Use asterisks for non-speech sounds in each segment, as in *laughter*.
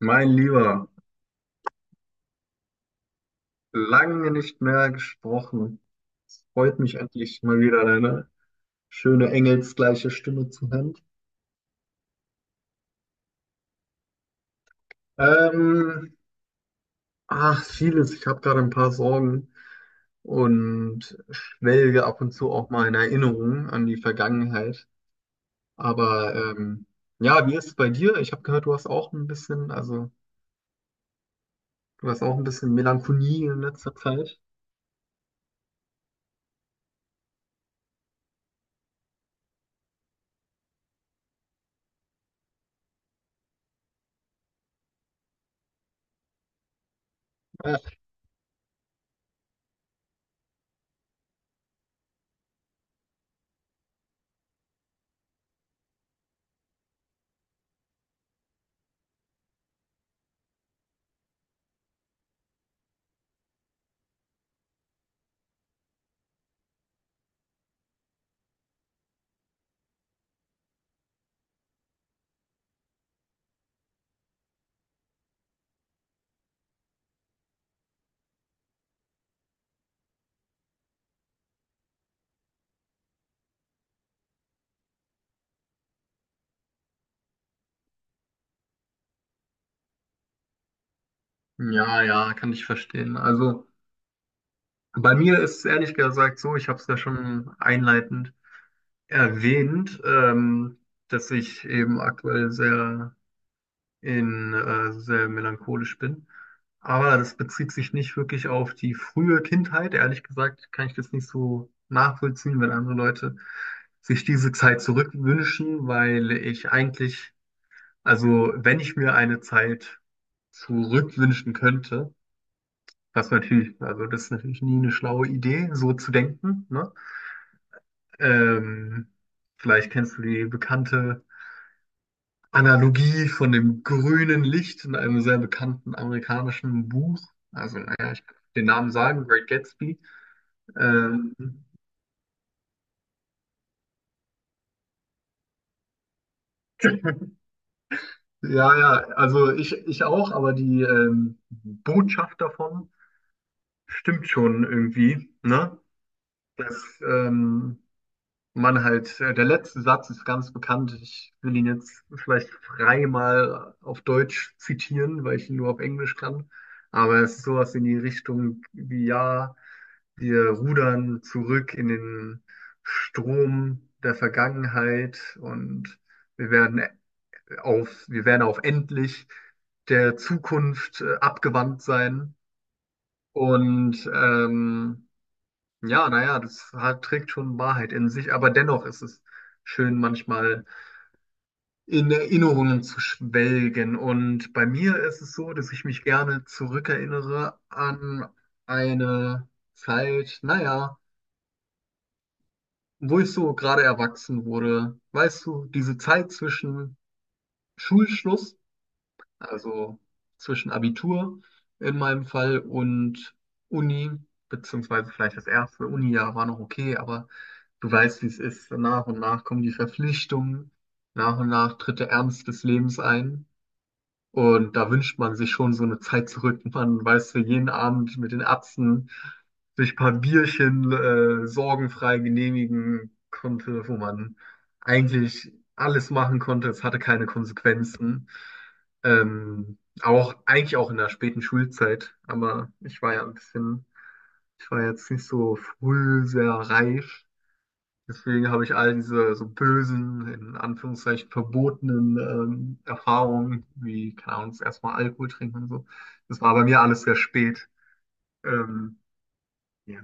Mein Lieber, lange nicht mehr gesprochen. Freut mich, endlich mal wieder deine schöne engelsgleiche Stimme zu hören. Ähm, Ach, vieles. Ich habe gerade ein paar Sorgen und schwelge ab und zu auch mal in Erinnerungen an die Vergangenheit. Aber ja, wie ist es bei dir? Ich habe gehört, du hast auch ein bisschen, also du hast auch ein bisschen Melancholie in letzter Zeit. Ach, ja, ja, kann ich verstehen. Also bei mir ist es ehrlich gesagt so, ich habe es ja schon einleitend erwähnt, dass ich eben aktuell sehr in sehr melancholisch bin. Aber das bezieht sich nicht wirklich auf die frühe Kindheit. Ehrlich gesagt kann ich das nicht so nachvollziehen, wenn andere Leute sich diese Zeit zurückwünschen, weil ich eigentlich, also wenn ich mir eine Zeit zurückwünschen könnte, was natürlich, also das ist natürlich nie eine schlaue Idee, so zu denken, ne? Ähm, Vielleicht kennst du die bekannte Analogie von dem grünen Licht in einem sehr bekannten amerikanischen Buch. Also, naja, ich kann den Namen sagen, Great Gatsby. Ähm, ja, ja, also ich auch, aber die Botschaft davon stimmt schon irgendwie, ne? Dass man halt, der letzte Satz ist ganz bekannt. Ich will ihn jetzt vielleicht frei mal auf Deutsch zitieren, weil ich ihn nur auf Englisch kann. Aber es ist sowas in die Richtung wie, ja, wir rudern zurück in den Strom der Vergangenheit und wir werden wir werden auf endlich der Zukunft abgewandt sein. Und ja, naja, das hat, trägt schon Wahrheit in sich, aber dennoch ist es schön, manchmal in Erinnerungen zu schwelgen. Und bei mir ist es so, dass ich mich gerne zurückerinnere an eine Zeit, naja, wo ich so gerade erwachsen wurde, weißt du, diese Zeit zwischen Schulschluss, also zwischen Abitur in meinem Fall und Uni, beziehungsweise vielleicht das erste Uni-Jahr war noch okay, aber du weißt, wie es ist. Nach und nach kommen die Verpflichtungen, nach und nach tritt der Ernst des Lebens ein. Und da wünscht man sich schon so eine Zeit zurück. Man weiß, für jeden Abend mit den Erbsen sich ein paar Bierchen sorgenfrei genehmigen konnte, wo man eigentlich alles machen konnte. Es hatte keine Konsequenzen. Auch eigentlich auch in der späten Schulzeit. Aber ich war ja ein bisschen, ich war jetzt nicht so früh sehr reif. Deswegen habe ich all diese so bösen, in Anführungszeichen verbotenen Erfahrungen, wie, keine Ahnung, das erste Mal Alkohol trinken und so. Das war bei mir alles sehr spät. Ähm, ja.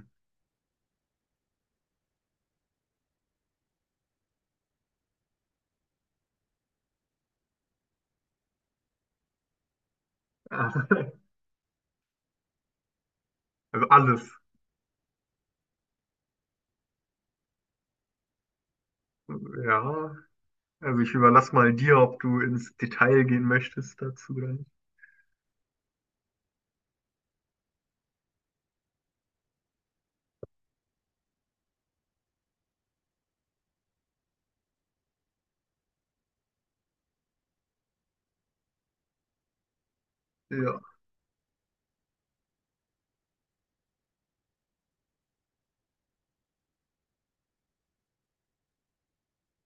*laughs* Also alles. Ja. Also ich überlasse mal dir, ob du ins Detail gehen möchtest dazu oder nicht. Ja.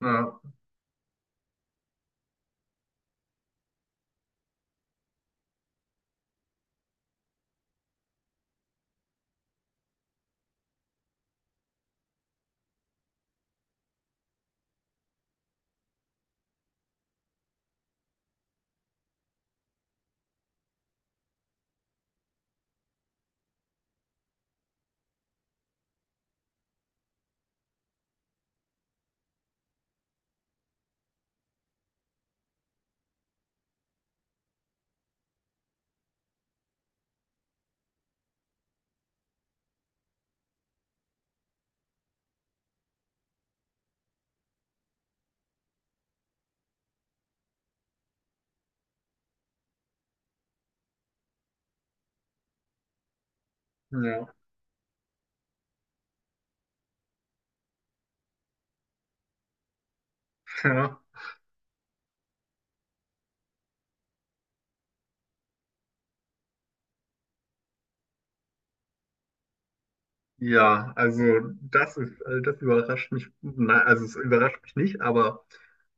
Ja. Ja. Ja. Ja, also das ist, das überrascht mich, nein, also es überrascht mich nicht, aber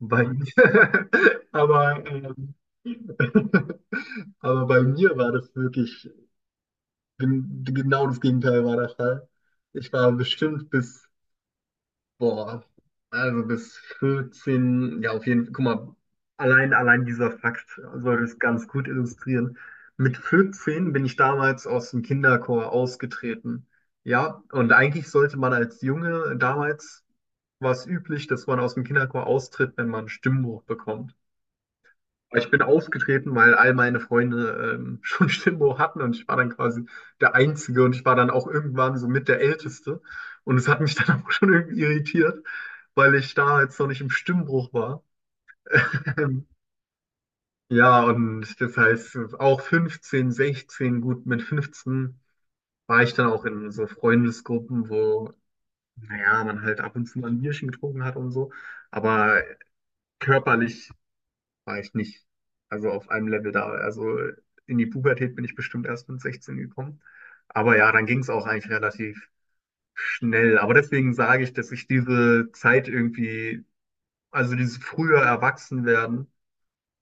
bei *laughs* mir, aber, *laughs* aber bei mir war das wirklich, genau das Gegenteil war der Fall. Ich war bestimmt bis Boah, also bis 14, ja auf jeden Fall, guck mal, allein dieser Fakt soll es ganz gut illustrieren. Mit 14 bin ich damals aus dem Kinderchor ausgetreten. Ja, und eigentlich sollte man als Junge, damals war es üblich, dass man aus dem Kinderchor austritt, wenn man einen Stimmbruch bekommt. Aber ich bin aufgetreten, weil all meine Freunde *laughs* schon Stimmbruch hatten, und ich war dann quasi der Einzige, und ich war dann auch irgendwann so mit der Älteste. Und es hat mich *laughs* dann auch schon irgendwie irritiert, weil ich da jetzt noch nicht im Stimmbruch war. Ähm, ja, und das heißt, auch 15, 16, gut, mit 15 war ich dann auch in so Freundesgruppen, wo, naja, man halt ab und zu mal ein Bierchen getrunken hat und so. Aber körperlich war ich nicht, also auf einem Level da. Also in die Pubertät bin ich bestimmt erst mit 16 gekommen. Aber ja, dann ging es auch eigentlich relativ schnell. Aber deswegen sage ich, dass ich diese Zeit irgendwie, also dieses frühe Erwachsenwerden,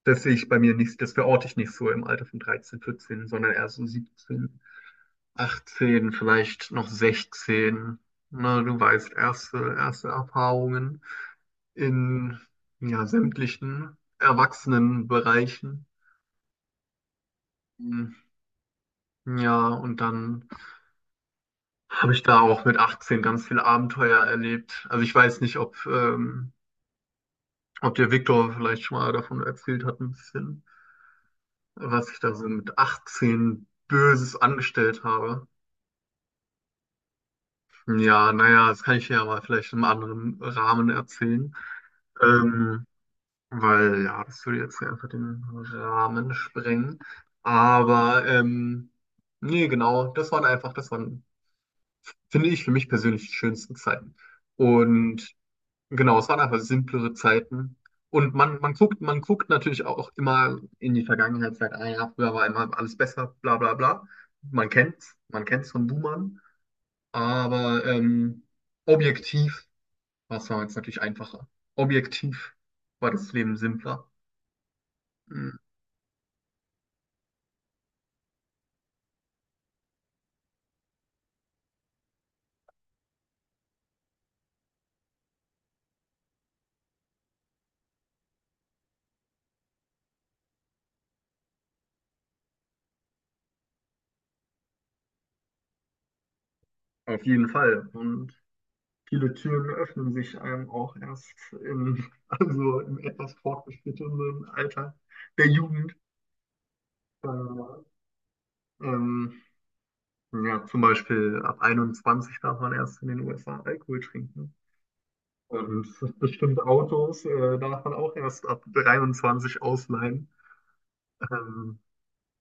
das sehe ich bei mir nicht, das verorte ich nicht so im Alter von 13, 14, sondern eher so 17, 18, vielleicht noch 16. Na, du weißt, erste Erfahrungen in ja, sämtlichen Erwachsenenbereichen. Ja, und dann habe ich da auch mit 18 ganz viele Abenteuer erlebt. Also ich weiß nicht, ob, ob der Viktor vielleicht schon mal davon erzählt hat, ein bisschen, was ich da so mit 18 Böses angestellt habe. Ja, naja, das kann ich ja mal vielleicht im anderen Rahmen erzählen. Ähm, weil ja, das würde jetzt einfach den Rahmen sprengen. Aber nee, genau, das waren, finde ich, für mich persönlich die schönsten Zeiten. Und genau, es waren einfach simplere Zeiten. Und man guckt natürlich auch immer in die Vergangenheit, sagt, ah ja, früher war immer alles besser, bla bla bla. Man kennt's von Boomern. Aber objektiv war es damals natürlich einfacher. Objektiv war das Leben simpler. Mhm. Auf jeden Fall. Und viele Türen öffnen sich einem auch erst im, *laughs* also im etwas fortgeschrittenen Alter der Jugend. Äh, ähm, Ja, zum Beispiel ab 21 darf man erst in den USA Alkohol trinken. Und *laughs* bestimmte Autos darf man auch erst ab 23 ausleihen. Ähm,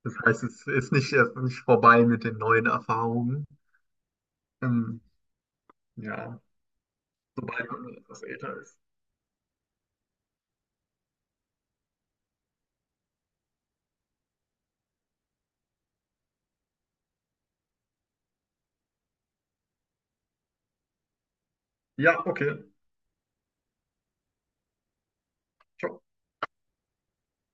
das heißt, es ist nicht, erst nicht vorbei mit den neuen Erfahrungen. Ähm, ja, sobald man etwas älter ist. Ja, okay. Ciao.